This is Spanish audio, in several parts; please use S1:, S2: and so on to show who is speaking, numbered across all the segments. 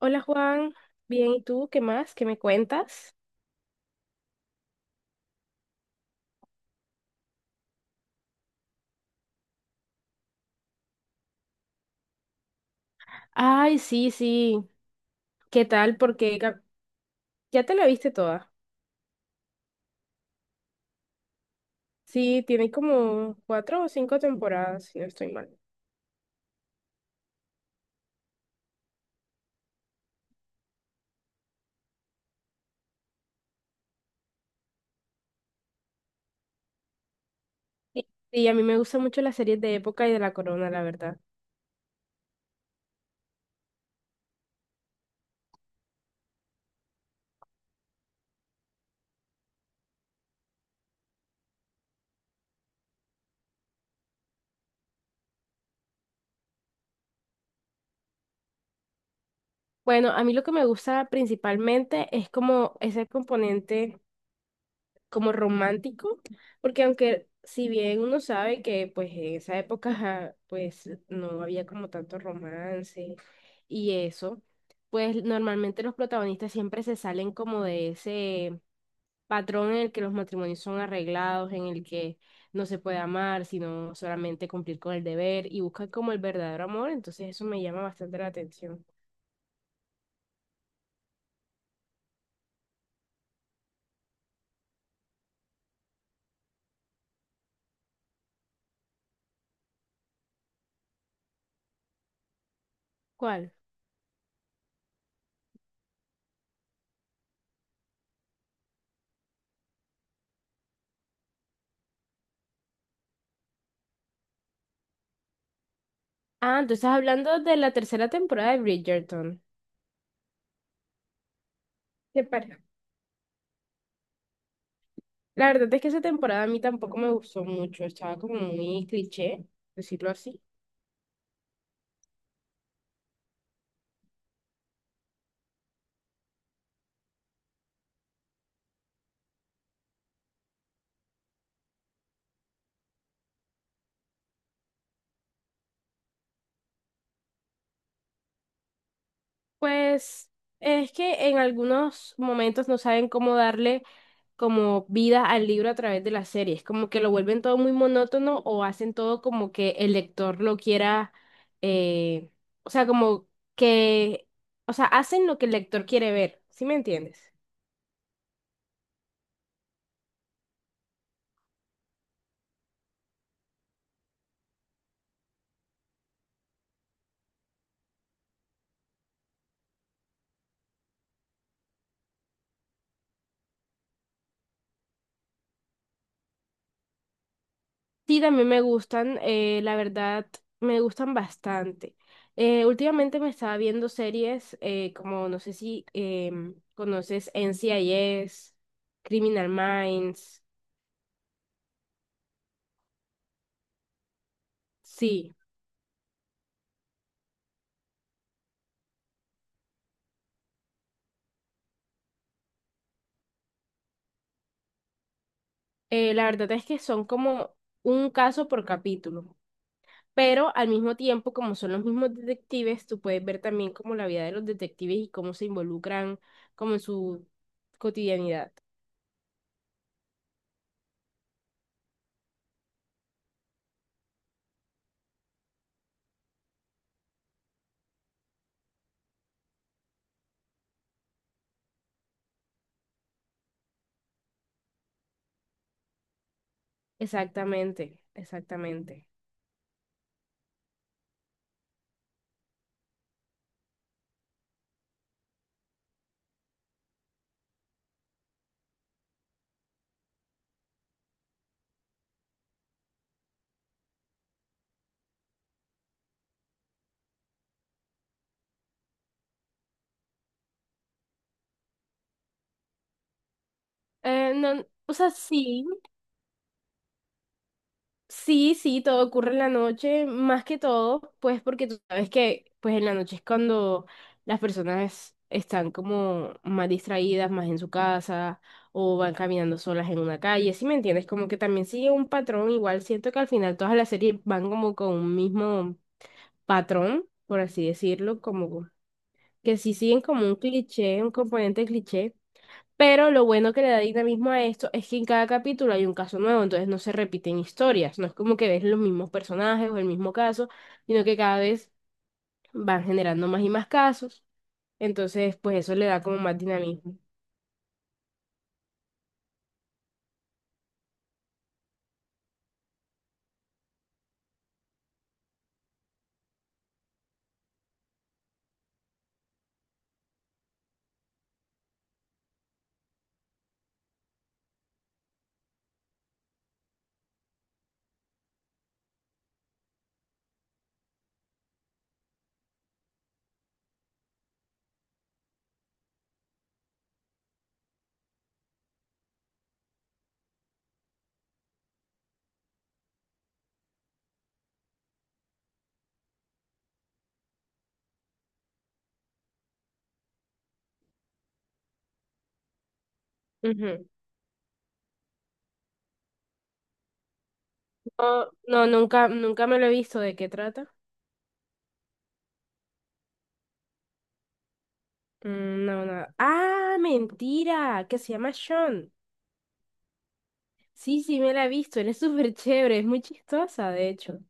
S1: Hola Juan, bien, ¿y tú qué más? ¿Qué me cuentas? Ay, sí, sí, ¿qué tal? Porque ya te la viste toda. Sí, tiene como cuatro o cinco temporadas, si no estoy mal. Sí, sí, a mí me gustan mucho las series de época y de La Corona, la verdad. Bueno, a mí lo que me gusta principalmente es como ese componente. Como romántico, porque aunque si bien uno sabe que pues en esa época ajá, pues no había como tanto romance y eso, pues normalmente los protagonistas siempre se salen como de ese patrón en el que los matrimonios son arreglados, en el que no se puede amar, sino solamente cumplir con el deber y buscan como el verdadero amor, entonces eso me llama bastante la atención. ¿Cuál? Ah, tú estás hablando de la tercera temporada de Bridgerton. ¿Te parece? La verdad es que esa temporada a mí tampoco me gustó mucho, estaba como muy cliché, decirlo así. Pues es que en algunos momentos no saben cómo darle como vida al libro a través de las series, como que lo vuelven todo muy monótono o hacen todo como que el lector lo quiera, eh, o sea, que, o sea, hacen lo que el lector quiere ver, ¿sí me entiendes? Sí, también me gustan, la verdad, me gustan bastante. Últimamente me estaba viendo series como, no sé si conoces NCIS, Criminal Minds. Sí, la verdad es que son como un caso por capítulo, pero al mismo tiempo, como son los mismos detectives, tú puedes ver también como la vida de los detectives y cómo se involucran como en su cotidianidad. Exactamente, exactamente. No, o sea, sí. Sí, sí, todo ocurre en la noche, más que todo, pues porque tú sabes que pues en la noche es cuando las personas están como más distraídas, más en su casa o van caminando solas en una calle, ¿sí me entiendes? Como que también sigue un patrón, igual siento que al final todas las series van como con un mismo patrón, por así decirlo, como que sí siguen como un cliché, un componente cliché. Pero lo bueno que le da dinamismo a esto es que en cada capítulo hay un caso nuevo, entonces no se repiten historias, no es como que ves los mismos personajes o el mismo caso, sino que cada vez van generando más y más casos, entonces pues eso le da como más dinamismo. Ujú. No, no, nunca, nunca me lo he visto, ¿de qué trata? Mm, no, nada. Ah, mentira, que se llama Sean. Sí, sí, me la he visto, él es súper chévere, es muy chistosa, de hecho.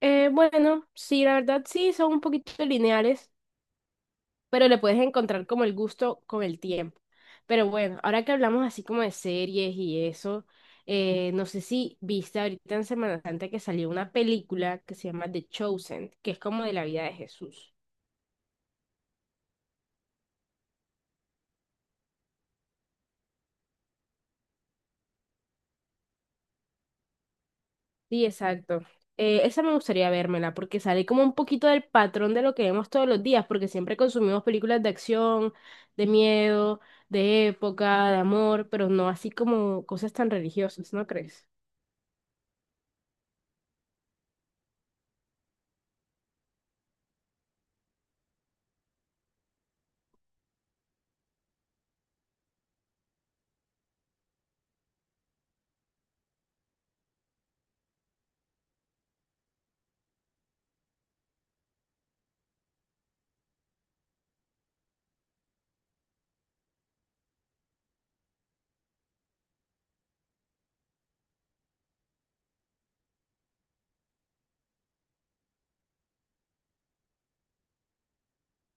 S1: Bueno, sí, la verdad sí, son un poquito lineales. Pero le puedes encontrar como el gusto con el tiempo. Pero bueno, ahora que hablamos así como de series y eso, no sé si viste ahorita en Semana Santa que salió una película que se llama The Chosen, que es como de la vida de Jesús. Sí, exacto. Esa me gustaría vérmela porque sale como un poquito del patrón de lo que vemos todos los días, porque siempre consumimos películas de acción, de miedo, de época, de amor, pero no así como cosas tan religiosas, ¿no crees?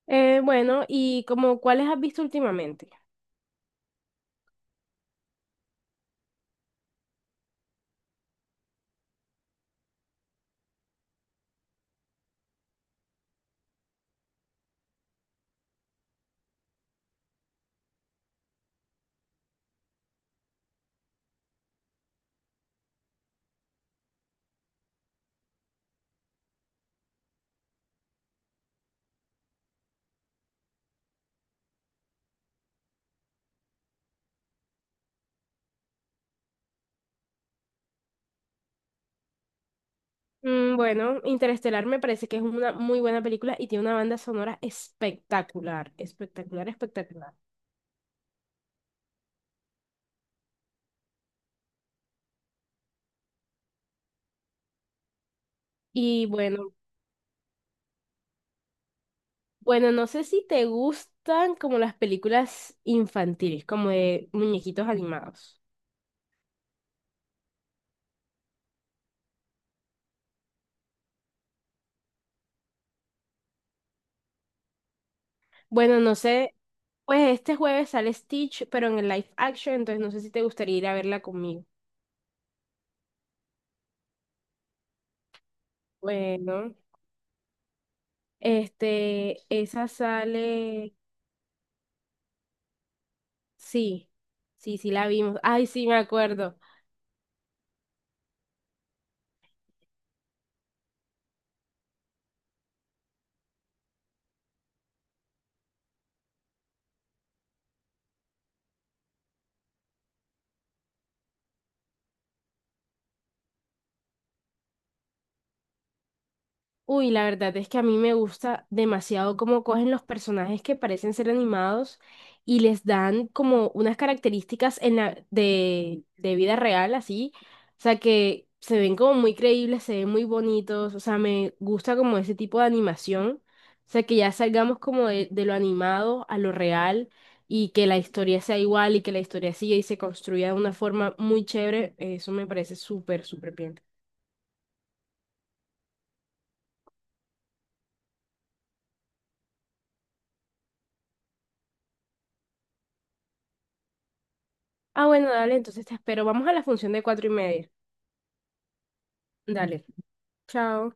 S1: Bueno, ¿y como cuáles has visto últimamente? Mm, bueno, Interestelar me parece que es una muy buena película y tiene una banda sonora espectacular, espectacular, espectacular. Y bueno, bueno, no sé si te gustan como las películas infantiles, como de muñequitos animados. Bueno, no sé, pues este jueves sale Stitch, pero en el live action, entonces no sé si te gustaría ir a verla conmigo. Bueno, este, esa sale. Sí, sí, sí la vimos. Ay, sí, me acuerdo. Uy, la verdad es que a mí me gusta demasiado cómo cogen los personajes que parecen ser animados y les dan como unas características en la, de vida real, así. O sea, que se ven como muy creíbles, se ven muy bonitos. O sea, me gusta como ese tipo de animación. O sea, que ya salgamos como de lo animado a lo real y que la historia sea igual y que la historia siga y se construya de una forma muy chévere. Eso me parece súper, súper bien. Ah, bueno, dale, entonces te espero. Vamos a la función de 4:30. Dale, chao.